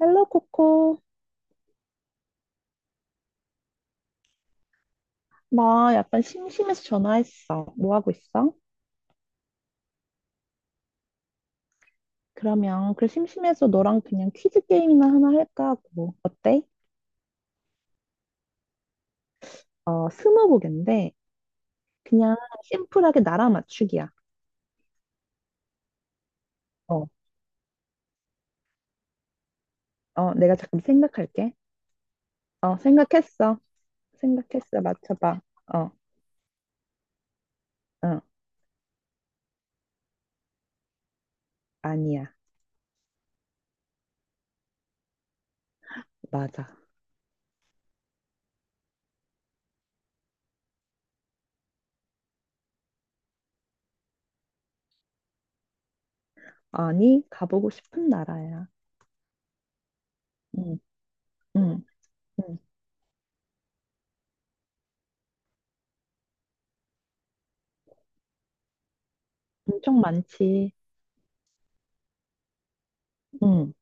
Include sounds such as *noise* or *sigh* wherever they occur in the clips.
헬로 코코. 나 약간 심심해서 전화했어. 뭐 하고 있어? 그러면 심심해서 너랑 그냥 퀴즈 게임이나 하나 할까 하고. 어때? 스무고인데 그냥 심플하게 나라 맞추기야. 어, 내가 잠깐 생각할게. 생각했어. 생각했어. 맞춰봐. 어, 어 아니야. 맞아. 아니, 가보고 싶은 나라야. 응, 응, 응. 엄청 많지. 응.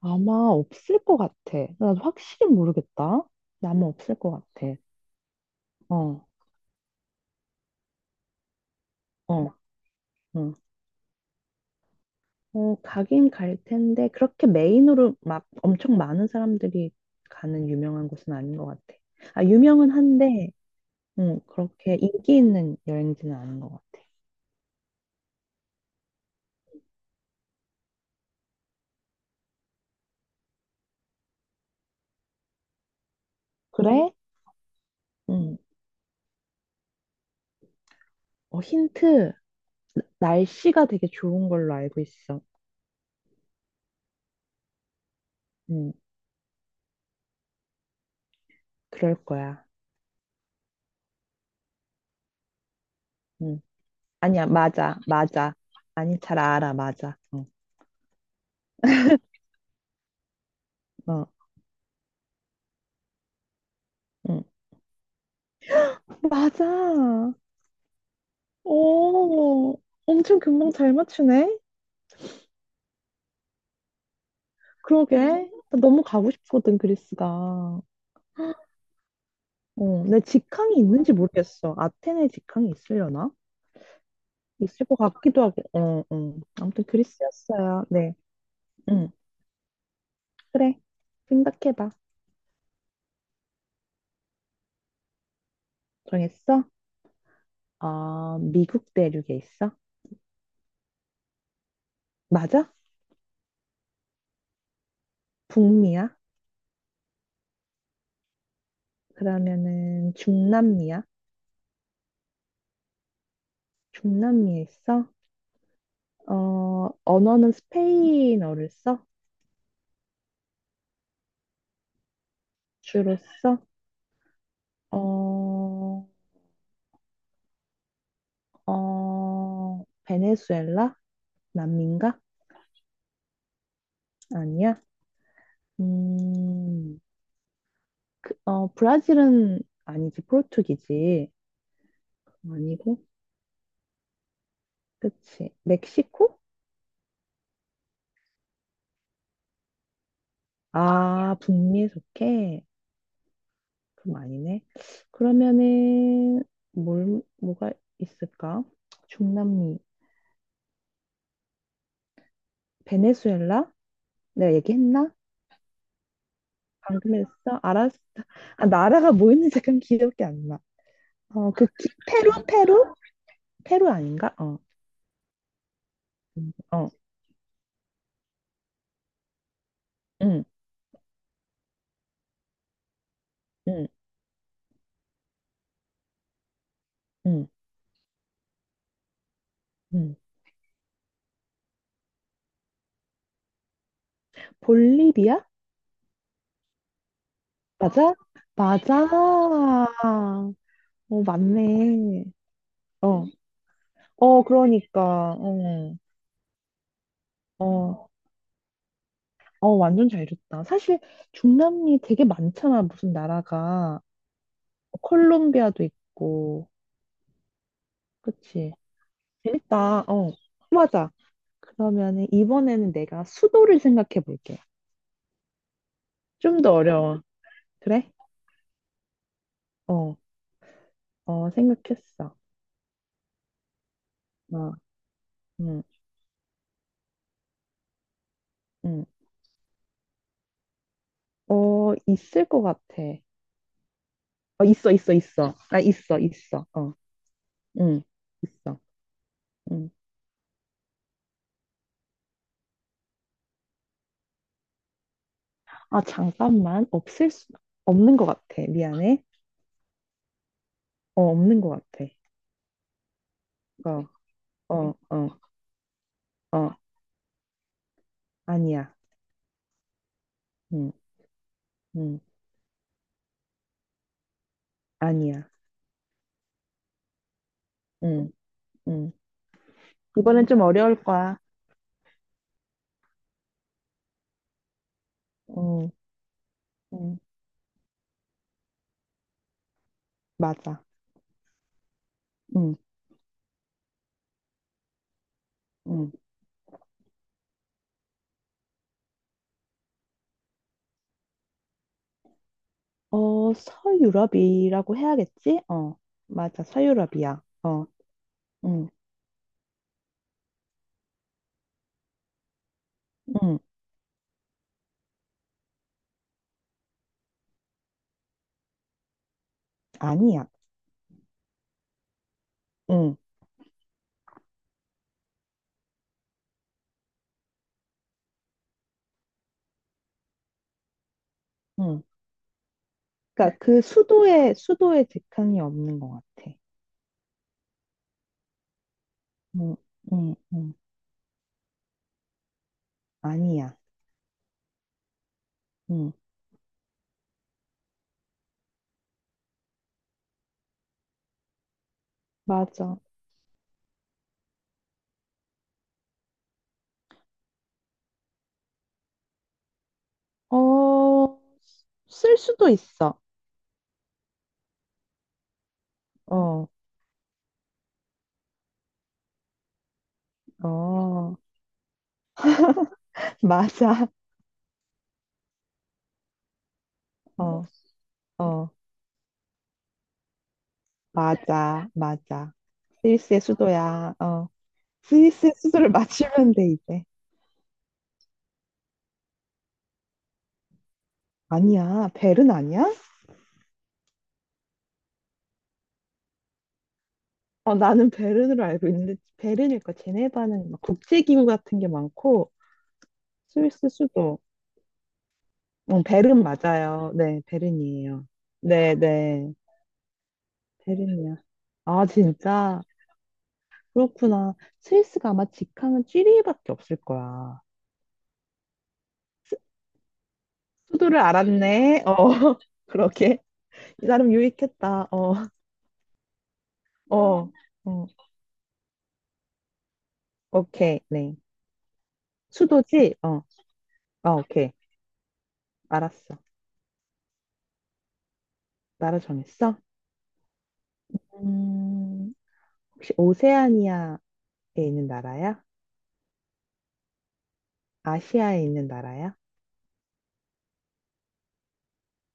아마 없을 것 같아. 나 확실히 모르겠다. 근데 아마 없을 것 같아. 어, 어, 응. 가긴 갈 텐데, 그렇게 메인으로 막 엄청 많은 사람들이 가는 유명한 곳은 아닌 것 같아. 아, 유명은 한데, 응, 그렇게 인기 있는 여행지는 아닌 것 같아. 그래? 응. 힌트. 날씨가 되게 좋은 걸로 알고 있어. 응, 그럴 거야. 응. 아니야, 맞아, 맞아. 아니, 잘 알아, 맞아. 어. 응. 맞아. 오, 엄청 금방 잘 맞추네. 그러게. 나 너무 가고 싶거든, 그리스가. 내 직항이 있는지 모르겠어. 아테네 직항이 있으려나? 있을 것 같기도 하고. 어, 어. 아무튼 그리스였어요. 네. 응, 그래. 생각해봐. 정했어? 어, 미국 대륙에 있어? 맞아? 북미야? 그러면은 중남미야? 중남미에 있어? 어, 언어는 스페인어를 써? 주로 써? 어, 베네수엘라? 남미인가? 아니야? 음, 브라질은 아니지, 포르투기지. 아니고, 그치. 멕시코? 아, 북미에 속해. 그럼 아니네. 그러면은, 뭐가 있을까? 중남미. 베네수엘라? 내가 얘기했나? 방금 했어? 알았어. 아, 나라가 뭐였는지 잠깐 기억이 안 나. 페루? 페루? 페루 아닌가? 음, 어, 응, 응, 응, 응. 볼리비아? 맞아? 맞아. 어, 맞네. 어, 어, 그러니까, 어, 어, 완전 잘 줬다. 사실 중남미 되게 많잖아, 무슨 나라가. 어, 콜롬비아도 있고, 그치? 재밌다. 어, 맞아. 그러면은 이번에는 내가 수도를 생각해 볼게. 좀 더 어려워. 그래? 어, 생각했어. 어, 응, 응. 어, 있을 것 같아. 있어. 있어, 있어. 어, 응, 있어. 응. 아, 잠깐만. 없는 것 같아. 미안해. 없는 것 같아. 어, 어, 어, 어. 아니야. 응, 응. 아니야. 응, 응. 이번엔 좀 어려울 거야. 응, 응. 맞아. 응, 응. 서유럽이라고 해야겠지? 어, 맞아. 서유럽이야. 어, 응, 응. 아니야. 응, 응. 그러니까 수도에 직항이 없는 것 같아. 응, 응, 응. 아니야. 응, 맞아. 어, 쓸 수도 있어. 어, 어, *laughs* 맞아. 어, 어, 맞아, 맞아. 스위스의 수도야. 어, 스위스의 수도를 맞추면 돼 이제. 아니야, 베른 아니야? 어, 나는 베른으로 알고 있는데 베른일 거. 제네바는 막 국제기구 같은 게 많고 스위스 수도. 베른 맞아요. 네, 베른이에요. 네, 네. 베른이요. 아, 진짜? 그렇구나. 스위스가 아마 직항은 쥐리히밖에 없을 거야. 수도를 알았네. 어, *laughs* 그러게. 이 사람 유익했다. 어, 어, 어. 오케이. 네. 수도지? 어, 아, 오케이. 알았어. 나라 정했어? 음, 혹시 오세아니아에 있는 나라야? 아시아에 있는 나라야?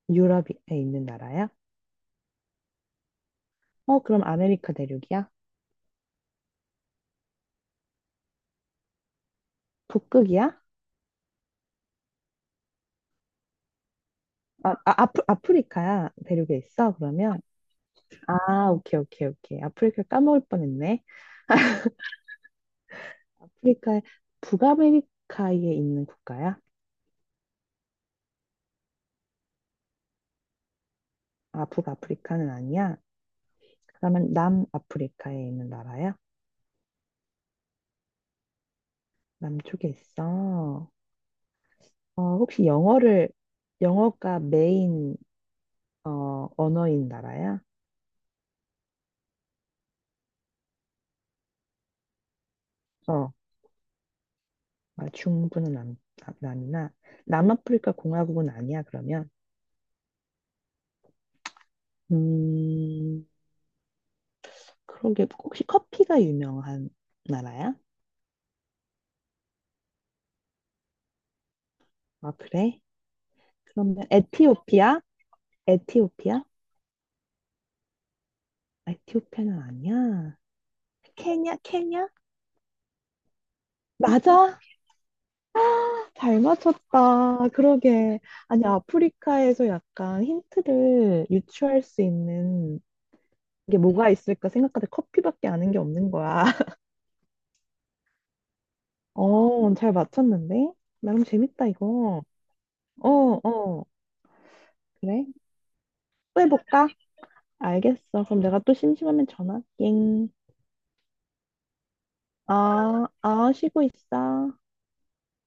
유럽에 있는 나라야? 어, 그럼 아메리카 대륙이야? 북극이야? 아프리카야 대륙에 있어 그러면. 아 오케이 오케이 오케이 아프리카 까먹을 뻔했네. 아프리카에 북아메리카에 있는 국가야? 아 북아프리카는 아니야 그러면 남아프리카에 있는 나라야? 남쪽에 있어. 어 혹시 영어를 영어가 메인 어 언어인 나라야? 어 아, 남이나 남아프리카 공화국은 아니야 그러면. 음 그러게 혹시 커피가 유명한 나라야? 아 그래? 그러면 에티오피아? 에티오피아? 에티오피아는 아니야. 케냐? 케냐? 맞아? 잘 맞췄다. 그러게. 아니 아프리카에서 약간 힌트를 유추할 수 있는 게 뭐가 있을까 생각하다 커피밖에 아는 게 없는 거야. *laughs* 어, 잘 맞췄는데? 나름 재밌다 이거. 어, 어. 그래? 또 해볼까? 알겠어. 그럼 내가 또 심심하면 전화. 땡. 아, 아, 쉬고 있어.